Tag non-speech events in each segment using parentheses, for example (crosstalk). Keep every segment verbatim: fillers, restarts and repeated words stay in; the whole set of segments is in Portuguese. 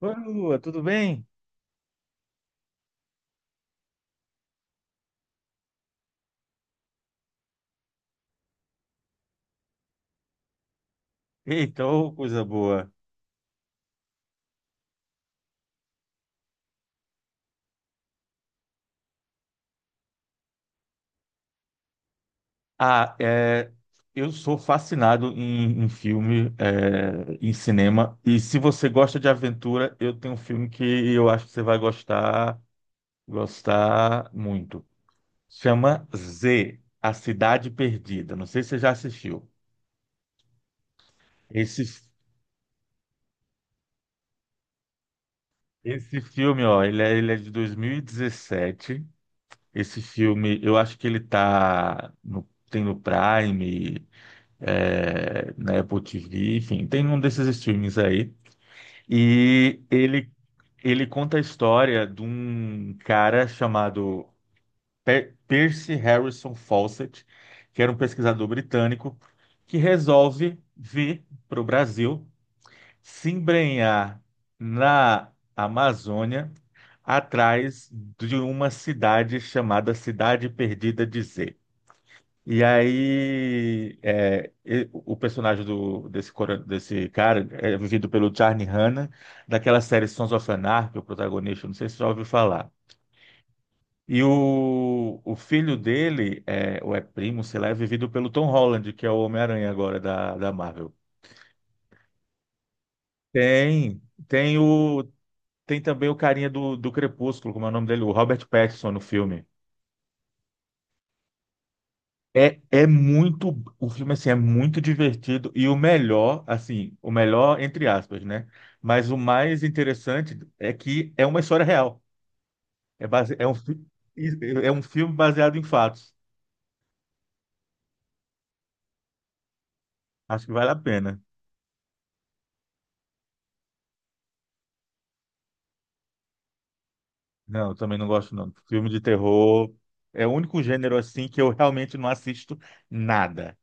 Oi, Lua, tudo bem? Eita, ô, coisa boa. Ah, é, eu sou fascinado em, em filme, é, em cinema. E se você gosta de aventura, eu tenho um filme que eu acho que você vai gostar, gostar muito. Chama Z, A Cidade Perdida. Não sei se você já assistiu. Esse, esse filme, ó, ele é, ele é de dois mil e dezessete. Esse filme, eu acho que ele tá no, tem no Prime. É, na Apple T V, enfim, tem um desses streamings aí. E ele, ele conta a história de um cara chamado Per- Percy Harrison Fawcett, que era um pesquisador britânico, que resolve vir para o Brasil se embrenhar na Amazônia atrás de uma cidade chamada Cidade Perdida de Z. E aí, é, e- o personagem do, desse, cora- desse cara é vivido pelo Charlie Hanna, daquela série Sons of Anarchy, o protagonista, não sei se você já ouviu falar. E o, o filho dele, é, ou é primo, sei lá, é vivido pelo Tom Holland, que é o Homem-Aranha agora da, da Marvel. Tem, tem o, tem também o carinha do, do Crepúsculo, como é o nome dele? O Robert Pattinson no filme. É, é muito, o filme assim é muito divertido e o melhor, assim, o melhor entre aspas, né? Mas o mais interessante é que é uma história real. É base, é um, fi- é um filme baseado em fatos. Acho que vale a pena. Não, eu também não gosto não. Filme de terror é o único gênero assim que eu realmente não assisto nada.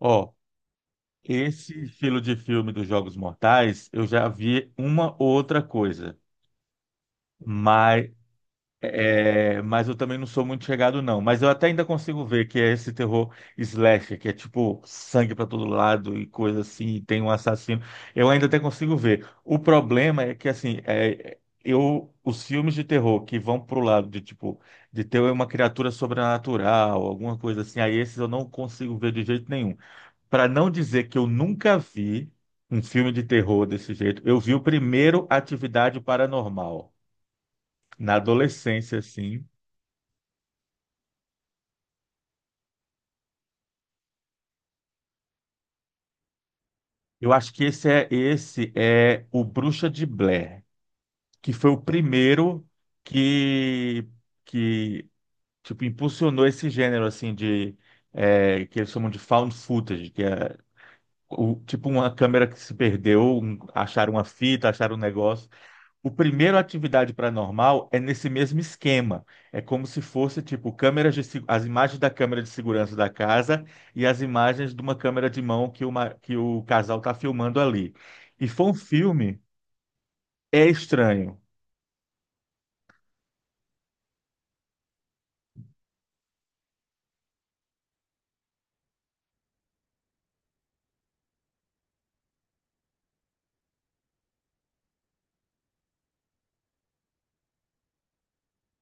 Ó, esse estilo de filme dos Jogos Mortais, eu já vi uma outra coisa. Mas É, mas eu também não sou muito chegado, não. Mas eu até ainda consigo ver que é esse terror slasher, que é tipo sangue pra todo lado e coisa assim, e tem um assassino. Eu ainda até consigo ver. O problema é que, assim, é, eu, os filmes de terror que vão pro lado de, tipo, de ter uma criatura sobrenatural, alguma coisa assim, aí esses eu não consigo ver de jeito nenhum. Pra não dizer que eu nunca vi um filme de terror desse jeito, eu vi o primeiro Atividade Paranormal. Na adolescência, assim. Eu acho que esse é esse é o Bruxa de Blair, que foi o primeiro que que tipo impulsionou esse gênero assim de é, que eles chamam de found footage, que é o, tipo uma câmera que se perdeu, um, acharam uma fita, acharam um negócio. O primeiro Atividade Paranormal é nesse mesmo esquema. É como se fosse tipo câmeras de, se- as imagens da câmera de segurança da casa e as imagens de uma câmera de mão que, uma, que o casal está filmando ali. E foi um filme, é estranho.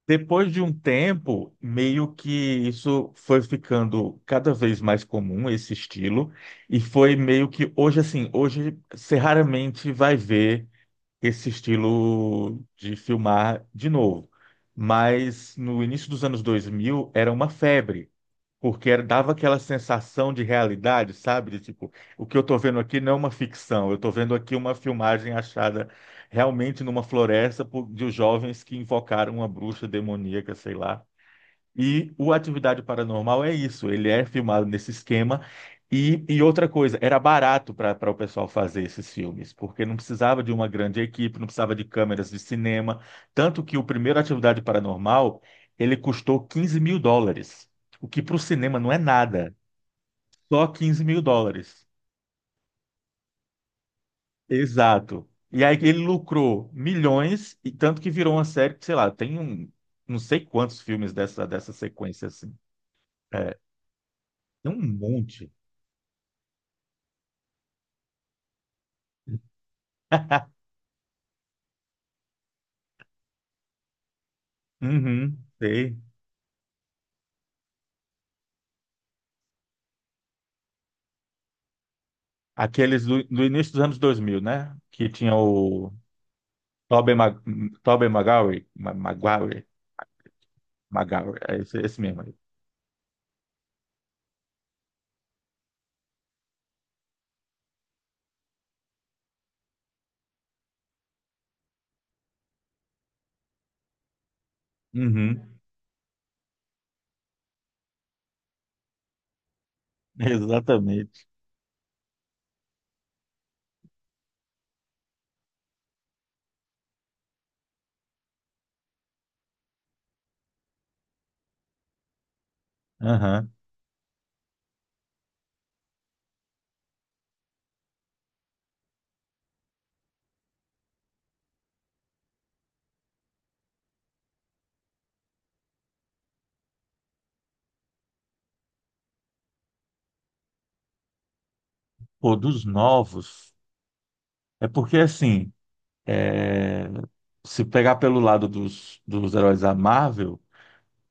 Depois de um tempo, meio que isso foi ficando cada vez mais comum, esse estilo, e foi meio que hoje assim, hoje você raramente vai ver esse estilo de filmar de novo. Mas no início dos anos dois mil era uma febre, porque era- dava aquela sensação de realidade, sabe? De, tipo, o que eu estou vendo aqui não é uma ficção, eu estou vendo aqui uma filmagem achada realmente numa floresta por- de jovens que invocaram uma bruxa demoníaca, sei lá. E o Atividade Paranormal é isso, ele é filmado nesse esquema. E, e outra coisa, era barato para o pessoal fazer esses filmes, porque não precisava de uma grande equipe, não precisava de câmeras de cinema. Tanto que o primeiro Atividade Paranormal, ele custou quinze mil dólares, o que para o cinema não é nada, só quinze mil dólares. Exato. E aí ele lucrou milhões, e tanto que virou uma série que, sei lá, tem um, não sei quantos filmes dessa, dessa sequência assim. É, tem um monte. Uhum, sei. Aqueles do, do início dos anos dois mil, né? Que tinha o Tobey Mag, Tobey Maguire, Ma- Maguire, Maguire, é esse, esse mesmo aí. Uhum, (laughs) exatamente. Uhum. Pô, dos novos, é porque assim, é, se pegar pelo lado dos, dos heróis da Marvel,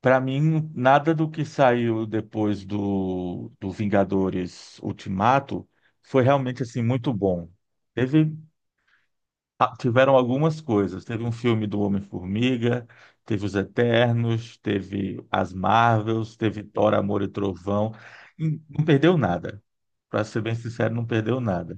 pra mim, nada do que saiu depois do, do Vingadores Ultimato foi realmente assim muito bom. Teve Ah, tiveram algumas coisas. Teve um filme do Homem-Formiga, teve Os Eternos, teve as Marvels, teve Thor, Amor e Trovão. E não perdeu nada. Para ser bem sincero, não perdeu nada.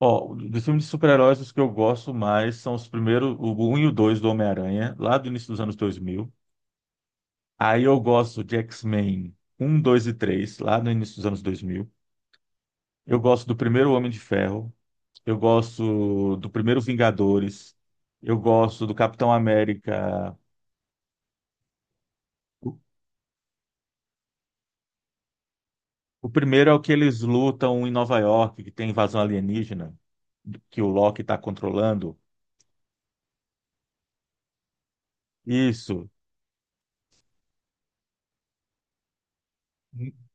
Ó, dos filmes de super-heróis, os que eu gosto mais são os primeiros, o primeiro e o dois do Homem-Aranha, lá do início dos anos dois mil. Aí eu gosto de X-Men um dois e três lá no início dos anos dois mil. Eu gosto do primeiro Homem de Ferro. Eu gosto do primeiro Vingadores. Eu gosto do Capitão América. O o primeiro é o que eles lutam em Nova York, que tem invasão alienígena, que o Loki está controlando. Isso,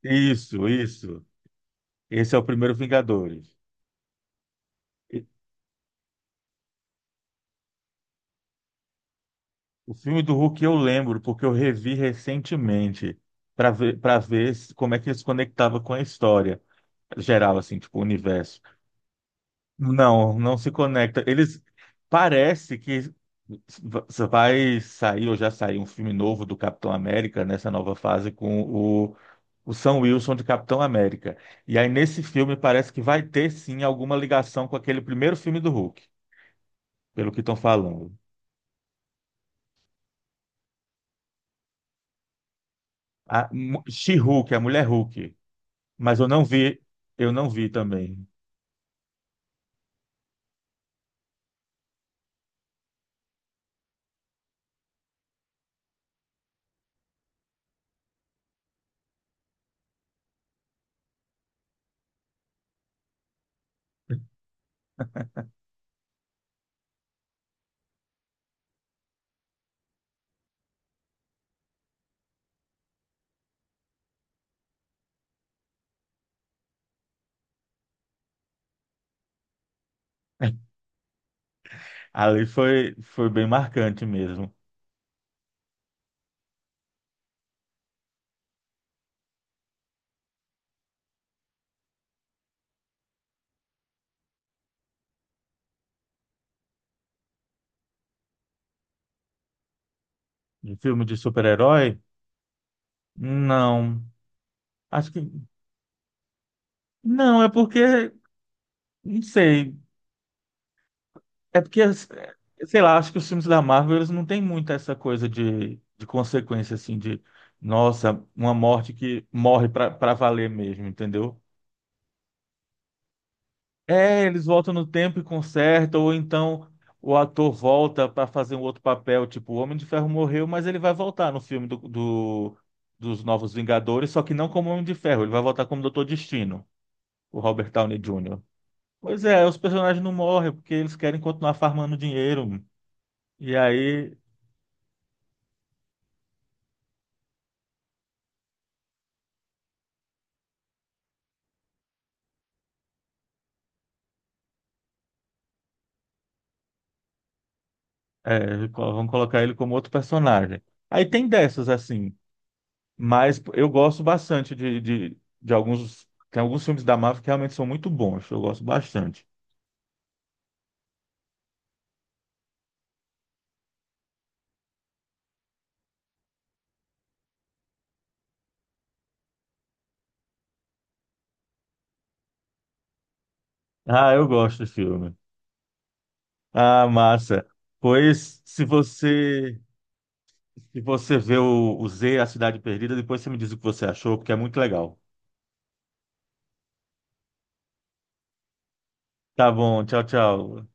isso, isso. Esse é o primeiro Vingadores. E- O filme do Hulk eu lembro, porque eu revi recentemente para ver, para ver se- como é que ele se conectava com a história geral, assim, tipo, o universo. Não, não se conecta. Eles parece que vai sair ou já saiu um filme novo do Capitão América nessa nova fase com o, o Sam Wilson de Capitão América. E aí nesse filme parece que vai ter sim alguma ligação com aquele primeiro filme do Hulk, pelo que estão falando. A mu- She-Hulk, a mulher Hulk, mas eu não vi, eu não vi também. (laughs) Ali foi, foi bem marcante mesmo. De filme de super-herói? Não. Acho que. Não, é porque. Não sei. É porque, é, sei lá, acho que os filmes da Marvel eles não têm muito essa coisa de, de, consequência, assim, de. Nossa, uma morte que morre pra, pra valer mesmo, entendeu? É, eles voltam no tempo e consertam, ou então o ator volta para fazer um outro papel, tipo, o Homem de Ferro morreu, mas ele vai voltar no filme do, do- dos Novos Vingadores, só que não como Homem de Ferro, ele vai voltar como Doutor Destino, o Robert Downey Junior Pois é, os personagens não morrem porque eles querem continuar farmando dinheiro, e aí é, co- vão colocar ele como outro personagem. Aí tem dessas, assim, mas eu gosto bastante de, de, de alguns. Tem alguns filmes da Marvel que realmente são muito bons, eu gosto bastante. Ah, eu gosto do filme. Ah, massa. Pois, se você se você vê o, o Z, A Cidade Perdida, depois você me diz o que você achou, porque é muito legal. Tá bom, tchau, tchau.